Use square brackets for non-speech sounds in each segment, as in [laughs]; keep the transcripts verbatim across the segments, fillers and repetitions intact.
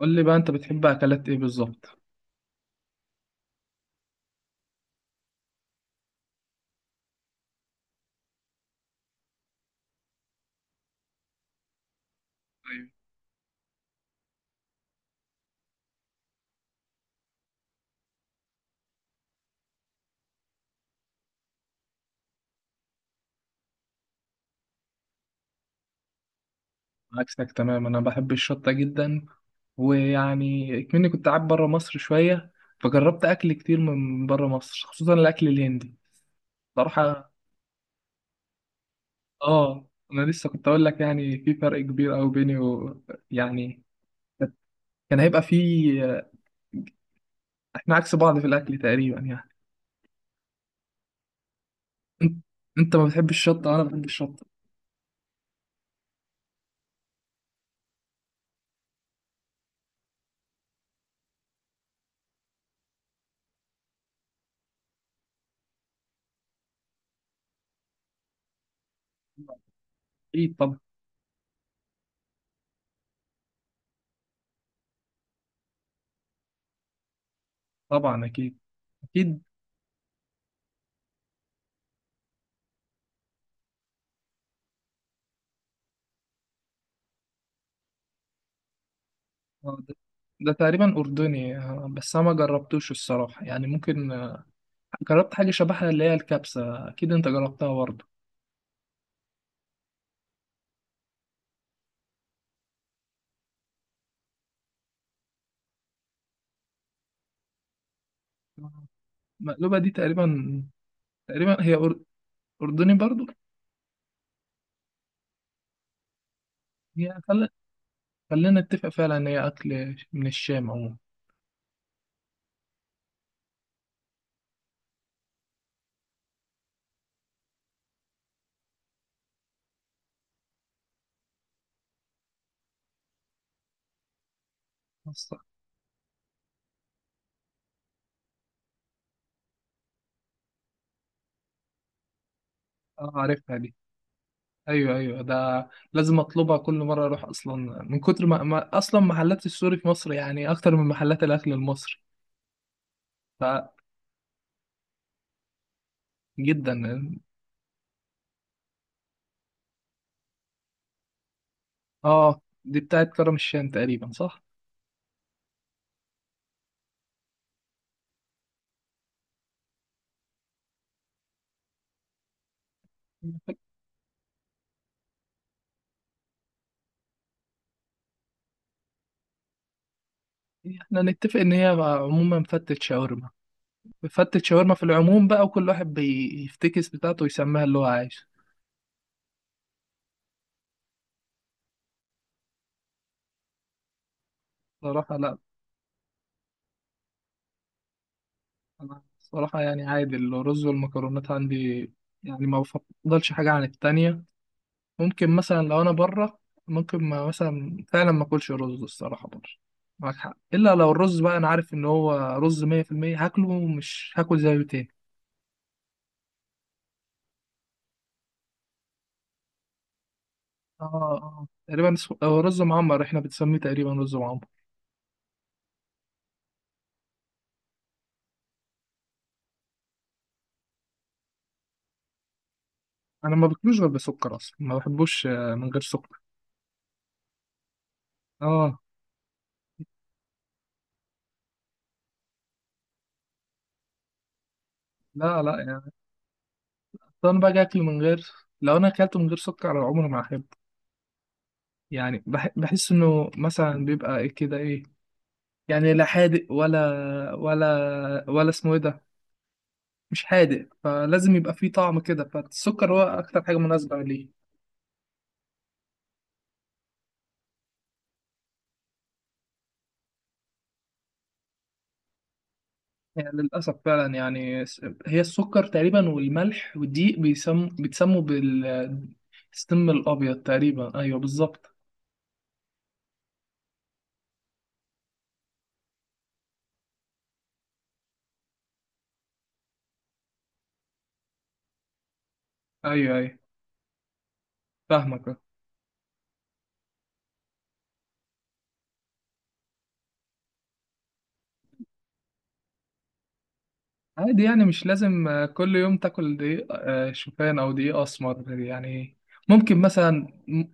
قول لي بقى انت بتحب اكلات ايه بالظبط؟ أيوة. عكسك تمام، انا بحب الشطه جدا. ويعني كمني كنت قاعد بره مصر شويه، فجربت اكل كتير من بره مصر، خصوصا الاكل الهندي. صراحه اه، انا لسه كنت اقول لك يعني في فرق كبير قوي بيني و... يعني كان هيبقى في، احنا عكس بعض في الاكل تقريبا يعني. انت انت ما بتحبش الشطه، انا بحب الشطه. اكيد طبعا. طبعا اكيد اكيد. آه، ده ده تقريبا اردني، آه، بس انا ما جربتوش الصراحه، يعني ممكن جربت حاجة شبهها اللي هي الكبسة. أكيد أنت جربتها برضه. المقلوبة دي تقريبا، تقريبا هي أر- أردني برضه. هي خل... خلينا نتفق فعلا إن هي أكل من الشام عموما. بس- أه عارفها دي. أيوه أيوه، ده لازم أطلبها كل مرة أروح، أصلا من كتر ما, ما أصلا محلات السوري في مصر يعني أكتر من محلات الأكل المصري. فجدا. أه دي بتاعت كرم الشام تقريبا، صح؟ إحنا نتفق إن هي عموما فتة شاورما، فتة شاورما في العموم بقى، وكل واحد بيفتكس بتاعته ويسميها اللي هو عايشه. صراحة لا. أنا صراحة يعني عادي، الرز والمكرونات عندي يعني ما بفضلش حاجة عن التانية. ممكن مثلا لو أنا بره، ممكن ما مثلا فعلا ما أكلش رز الصراحة بره. معاك حق، إلا لو الرز بقى أنا عارف إن هو رز مية في المية هاكله ومش هاكل زيه تاني. آه، آه تقريبا اسمه- هو رز معمر، إحنا بنسميه تقريبا رز معمر. أنا ما باكلوش غير بسكر أصلا، ما بحبوش آه، من غير سكر. آه. لا لا يعني، بس انا باجي اكله من غير. لو انا اكلته من غير سكر على عمري ما احبه. يعني بح... بحس انه مثلا بيبقى ايه كده ايه، يعني لا حادق ولا ولا ولا اسمه ايه ده. مش حادق، فلازم يبقى فيه طعم كده، فالسكر هو اكتر حاجه مناسبه ليه. يعني للاسف فعلا، يعني س- هي السكر تقريبا والملح والدقيق بيسم... بيتسموا بالسم الابيض تقريبا، ايوه بالظبط. ايوه ايوه. فاهمك. عادي، يعني مش لازم آه، كل يوم تاكل دقيق آه، شوفان او دقيق اسمر يعني. ممكن مثلا م-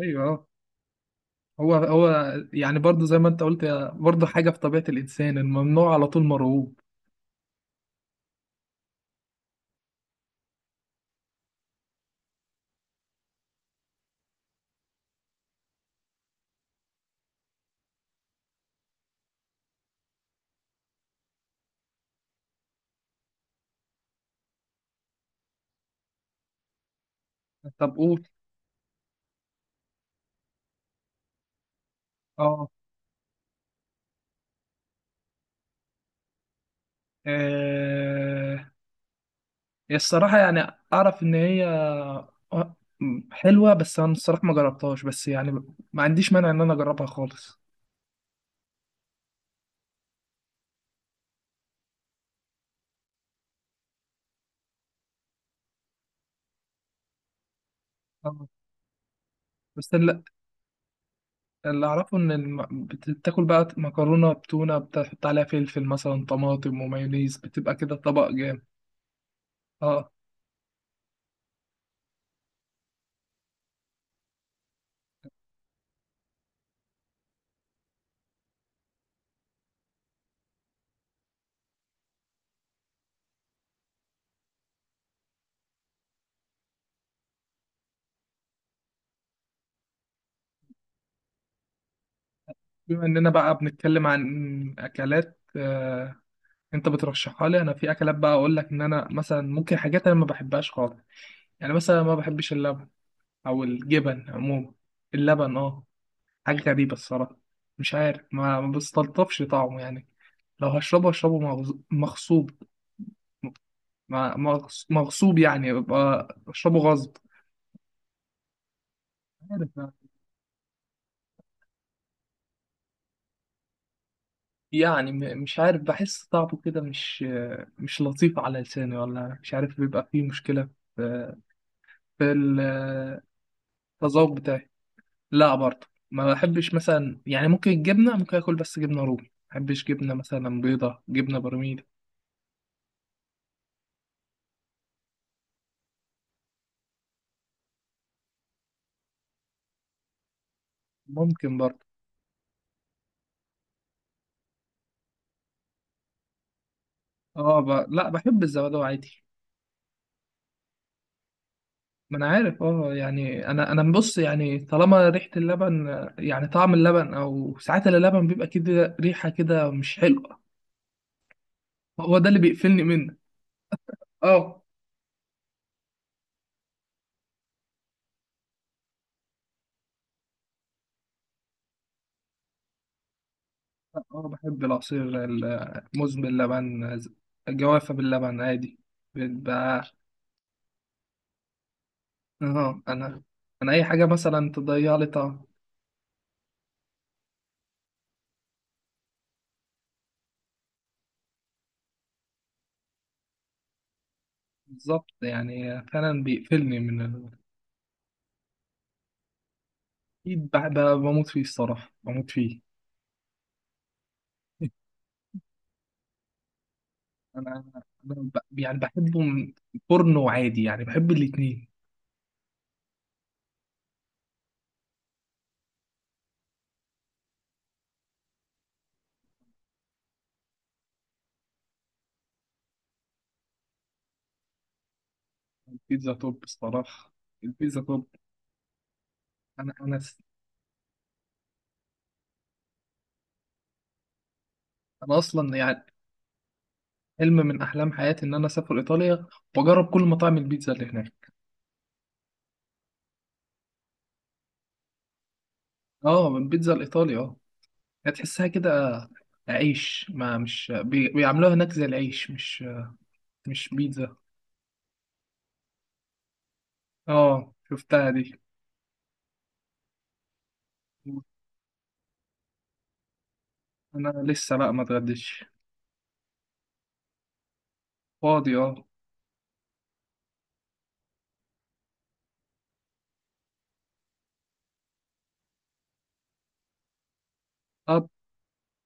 ايوه، هو هو يعني برضو زي ما انت قلت، هي برضو حاجه في طبيعه الانسان، الممنوع على طول مرغوب. طب قول. اه آه، الصراحه يعني اعرف ان هي آه، حلوه، بس انا الصراحه ما جربتهاش، بس يعني ما عنديش مانع ان انا اجربها خالص. آه، بس ال- اللي اعرفه ان الم... بتاكل بقى مكرونه بتونه، بتحط عليها فلفل مثلا، طماطم ومايونيز، بتبقى كده طبق جامد. اه. بما اننا بقى بنتكلم عن اكلات آه... انت بترشحها لي انا، في اكلات بقى اقول لك ان انا مثلا ممكن حاجات انا ما بحبهاش خالص. يعني مثلا ما بحبش اللبن او الجبن عموما. اللبن اه، حاجه غريبه الصراحه. مش عارف، ما ما بستلطفش طعمه يعني. لو هشربه هشربه مغز- مغصوب. ما- مغص- مغصوب، يعني ببقى اشربه غصب. عارف بقى. يعني م- مش عارف، بحس طعمه كده مش مش لطيف على لساني، ولا مش عارف بيبقى فيه مشكلة في في ال- التذوق بتاعي. لا برضه ما بحبش مثلا، يعني ممكن الجبنة ممكن اكل، بس جبنة رومي ما بحبش، جبنة مثلا بيضة، جبنة برميل. ممكن برضه. اه ب... لا بحب الزبادي عادي. ما انا عارف اه، يعني انا انا بص يعني، طالما ريحة اللبن، يعني طعم اللبن، او ساعات اللبن بيبقى كده ريحة كده مش حلوة. هو ده اللي بيقفلني منه. اه اه. بحب العصير الموز باللبن، جوافة باللبن عادي، بيبقى اه. انا انا اي حاجة مثلا تضيع لي طعم. بالظبط، يعني فعلا بيقفلني من ال... أكيد بح- ب- بموت فيه الصراحة، بموت فيه. [laughs] انا انا ب... يعني بحبه من فرن وعادي، يعني بحب الاتنين. البيتزا توب الصراحة، البيتزا توب. انا انا س- انا اصلا يعني حلم من احلام حياتي ان انا اسافر ايطاليا واجرب كل مطاعم البيتزا اللي هناك. اه البيتزا الايطالي، اه هتحسها كده عيش، ما مش بي- بيعملوها هناك زي العيش، مش مش بيتزا. اه شفتها دي. انا لسه بقى ما اتغديتش. فاضي اه. طب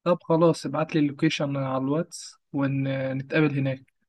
طب خلاص، ابعت لي اللوكيشن على الواتس ونتقابل هناك.